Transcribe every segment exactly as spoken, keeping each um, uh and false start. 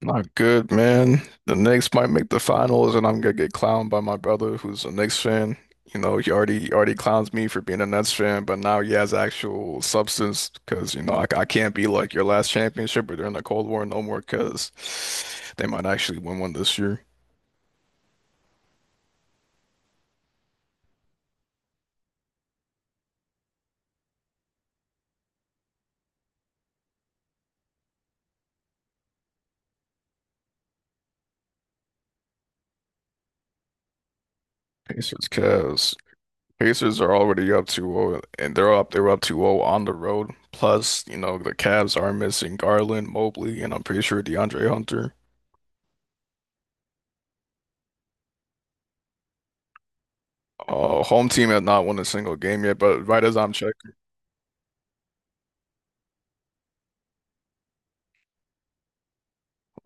Not good, man. The Knicks might make the finals, and I'm gonna get clowned by my brother, who's a Knicks fan. You know, he already he already clowns me for being a Nets fan, but now he has actual substance because you know I, I can't be like your last championship or during the Cold War no more because they might actually win one this year. Pacers, Cavs. Pacers are already up two zero, and they're up they're up two zero on the road. Plus, you know, the Cavs are missing Garland, Mobley, and I'm pretty sure DeAndre Hunter. Uh, home team has not won a single game yet, but right as I'm checking,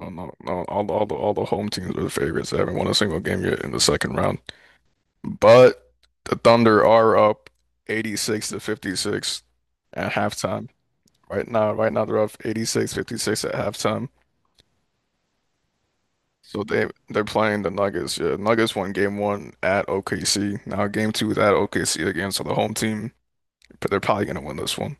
oh, no, no, all the all the all the home teams are the favorites. They haven't won a single game yet in the second round. But the Thunder are up eighty-six to fifty-six at halftime. Right now, right now they're up eighty-six fifty-six at halftime. So they they're playing the Nuggets. Yeah, Nuggets won game one at O K C. Now game two is at O K C again. So the home team, but they're probably gonna win this one.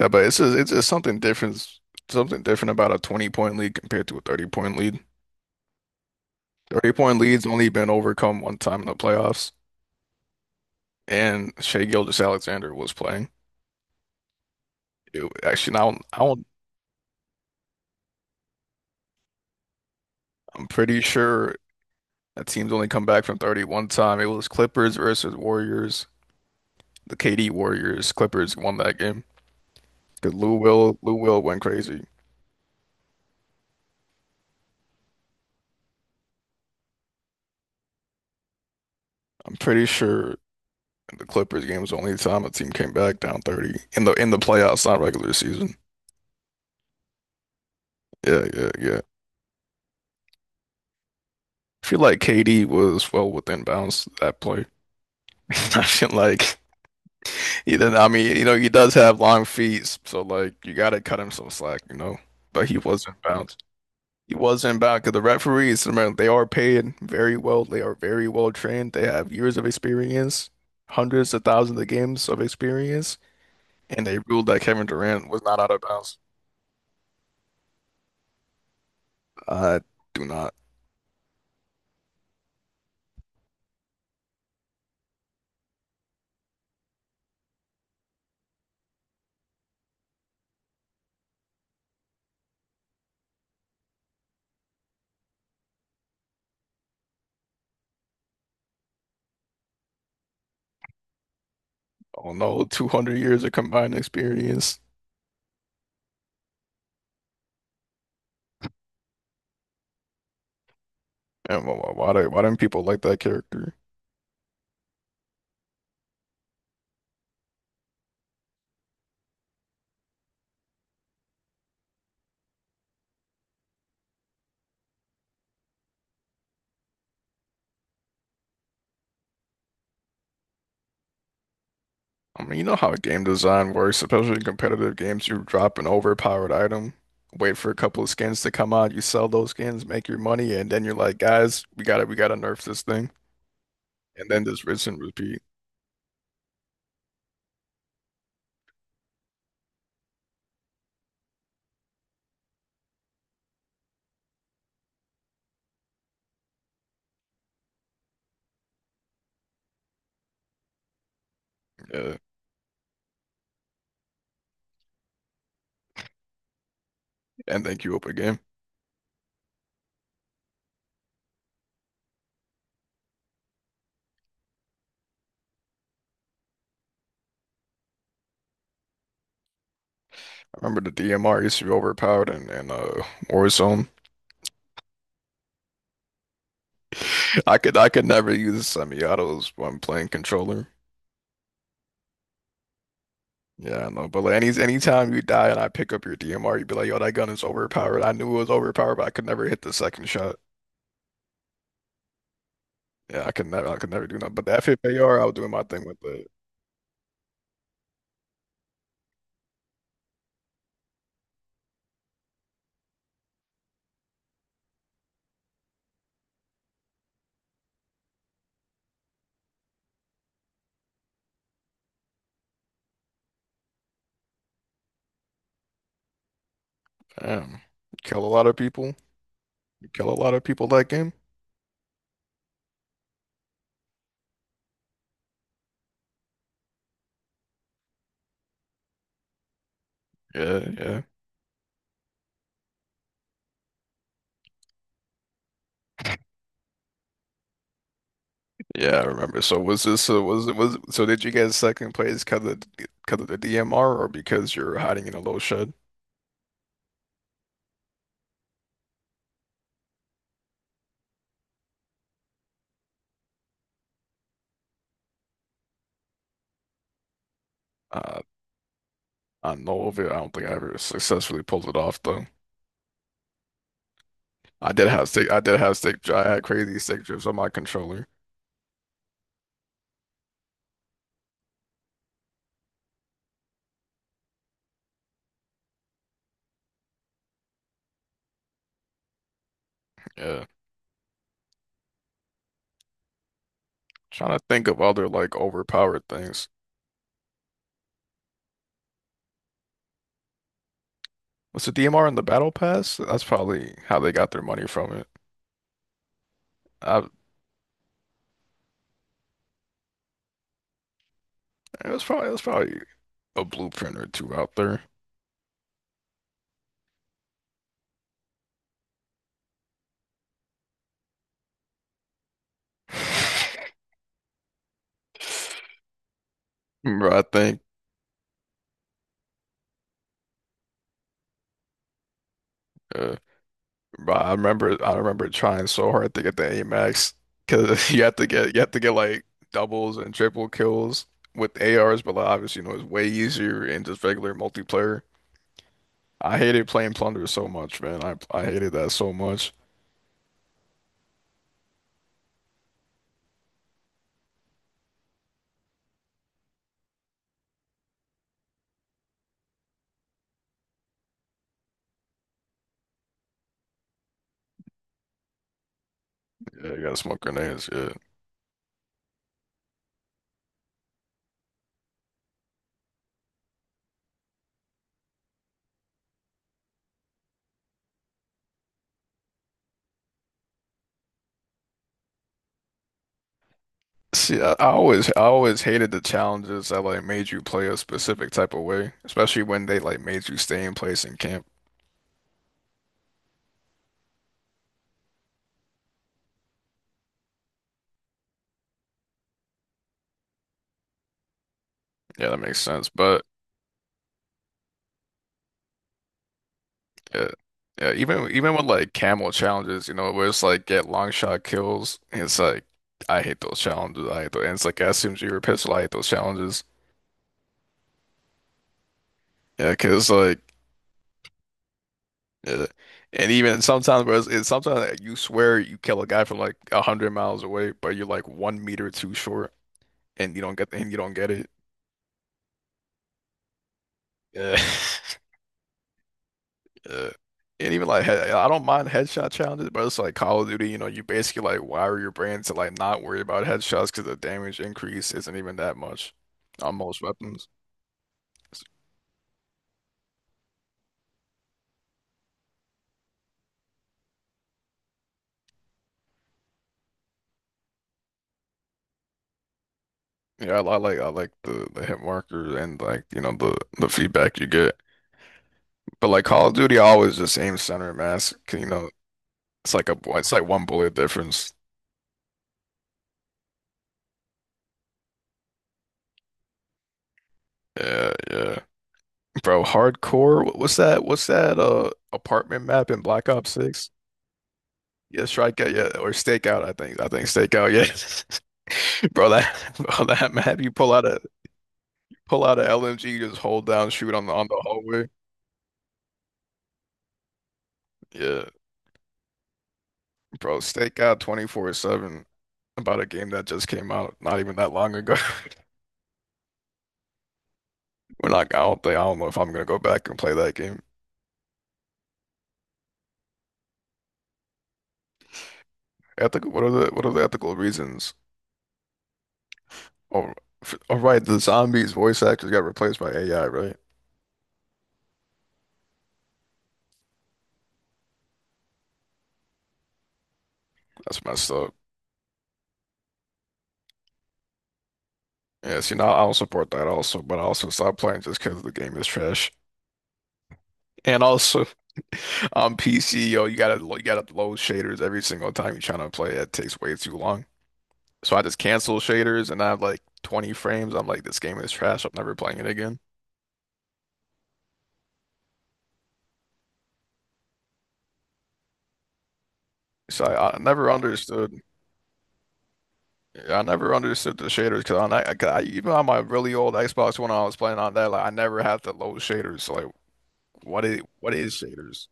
Yeah, but it's just, it's just something different, something different about a twenty point lead compared to a thirty point lead. thirty point lead's only been overcome one time in the playoffs, and Shea Gilgeous-Alexander was playing. It- actually, now I don't, I'm pretty sure that team's only come back from thirty one time. It was Clippers versus Warriors, the K D Warriors. Clippers won that game because Lou Will Lou Will went crazy. I'm pretty sure the Clippers game was the only time a team came back down thirty in the in the playoffs, not regular season. Yeah, yeah, yeah. I feel like K D was well within bounds that play. I feel like either I mean, you know, he does have long feet, so like you gotta cut him some slack, you know. But he was in bounds. He was in bounds because the referees, remember, they are paid very well. They are very well trained. They have years of experience, hundreds of thousands of games of experience, and they ruled that Kevin Durant was not out of bounds. I do not. Oh no, two hundred years of combined experience. And why, why, why do, why don't people like that character? I mean, you know how game design works, especially in competitive games. You drop an overpowered item, wait for a couple of skins to come out, you sell those skins, make your money, and then you're like, guys, we gotta we gotta nerf this thing. And then just rinse and repeat, uh, and then queue up again. I remember the D M R used to be overpowered and, and uh Warzone. I could I could never use semi-autos when playing controller. Yeah, I know. But like any anytime you die and I pick up your D M R, you'd be like, yo, that gun is overpowered. I knew it was overpowered, but I could never hit the second shot. Yeah, I could never, I could never do nothing. But the F F A R, I was doing my thing with it. Damn, kill a lot of people. You kill a lot of people that game. Yeah, yeah, yeah. I remember. So was this? So was it? Was so? Did you get second place because of because of the D M R or because you're hiding in a low shed? Uh, I know of it. I don't think I ever successfully pulled it off though. I did have stick. I did have stick. Dri- I had crazy stick drips on my controller. Yeah. Trying to think of other like overpowered things. Was the D M R in the Battle Pass? That's probably how they got their money from it. I, It was probably it was probably a blueprint or two out there. But I think, uh, but I remember I remember trying so hard to get the A Max because you have to get you have to get like doubles and triple kills with A Rs, but like, obviously you know it's way easier in just regular multiplayer. I hated playing Plunder so much, man. I I hated that so much. Yeah, you gotta smoke grenades. Yeah. See, I, I always I always hated the challenges that like made you play a specific type of way, especially when they like made you stay in place and camp. Yeah, that makes sense. But Yeah. Yeah, even even with like camel challenges, you know, where it's like get long shot kills, it's like I hate those challenges. I hate those. And it's like as soon as you're a pistol, I hate those challenges. Yeah, 'cause like, yeah. And even sometimes, bro, it's, it's sometimes like, you swear you kill a guy from like a hundred miles away, but you're like one meter too short, and you don't get and you don't get it. Yeah. Yeah. And even like, he- I don't mind headshot challenges, but it's like Call of Duty, you know, you basically like wire your brain to like not worry about headshots because the damage increase isn't even that much on most weapons. Yeah, I, I like I like the the hit marker and like you know the the feedback you get. But like Call of Duty, I always just aim center mass. 'cause, You know, it's like a it's like one bullet difference. Yeah, yeah, bro. Hardcore. wh- What's that? What's that? Uh, apartment map in Black Ops six? Yeah, strikeout, yeah, or stakeout. I think, I think stakeout. Yeah, bro, that bro, that map you pull out a pull out a L M G, you just hold down, shoot on the on the hallway. Yeah, bro, stakeout twenty-four seven about a game that just came out not even that long ago. We're not. I don't think. I don't know if I'm gonna go back and play that game. Ethical. What are the What are the ethical reasons? Oh, f- oh, right. The zombies voice actors got replaced by A I, right? That's messed up. Yeah. See, now I don't support that also, but I also stopped playing just because the game is trash. And also on P C, yo, you gotta you gotta load shaders every single time you're trying to play. That takes way too long. So I just cancel shaders and I have like twenty frames. I'm like, this game is trash. I'm never playing it again. So I, I never understood. I never understood the shaders because on that, 'cause I, even on my really old Xbox One, I was playing on that. Like I never had to load shaders. So like, what is what is shaders?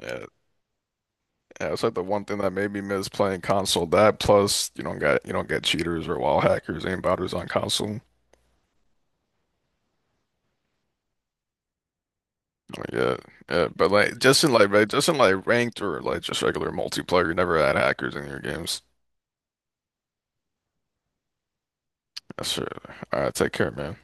Yeah, yeah, it's like the one thing that made me miss playing console. That plus you don't get you don't get cheaters or wild hackers, aim botters on console. Like, yeah, yeah, but like just in like ra- just in like ranked or like just regular multiplayer, you never had hackers in your games. That's true. All right, take care, man.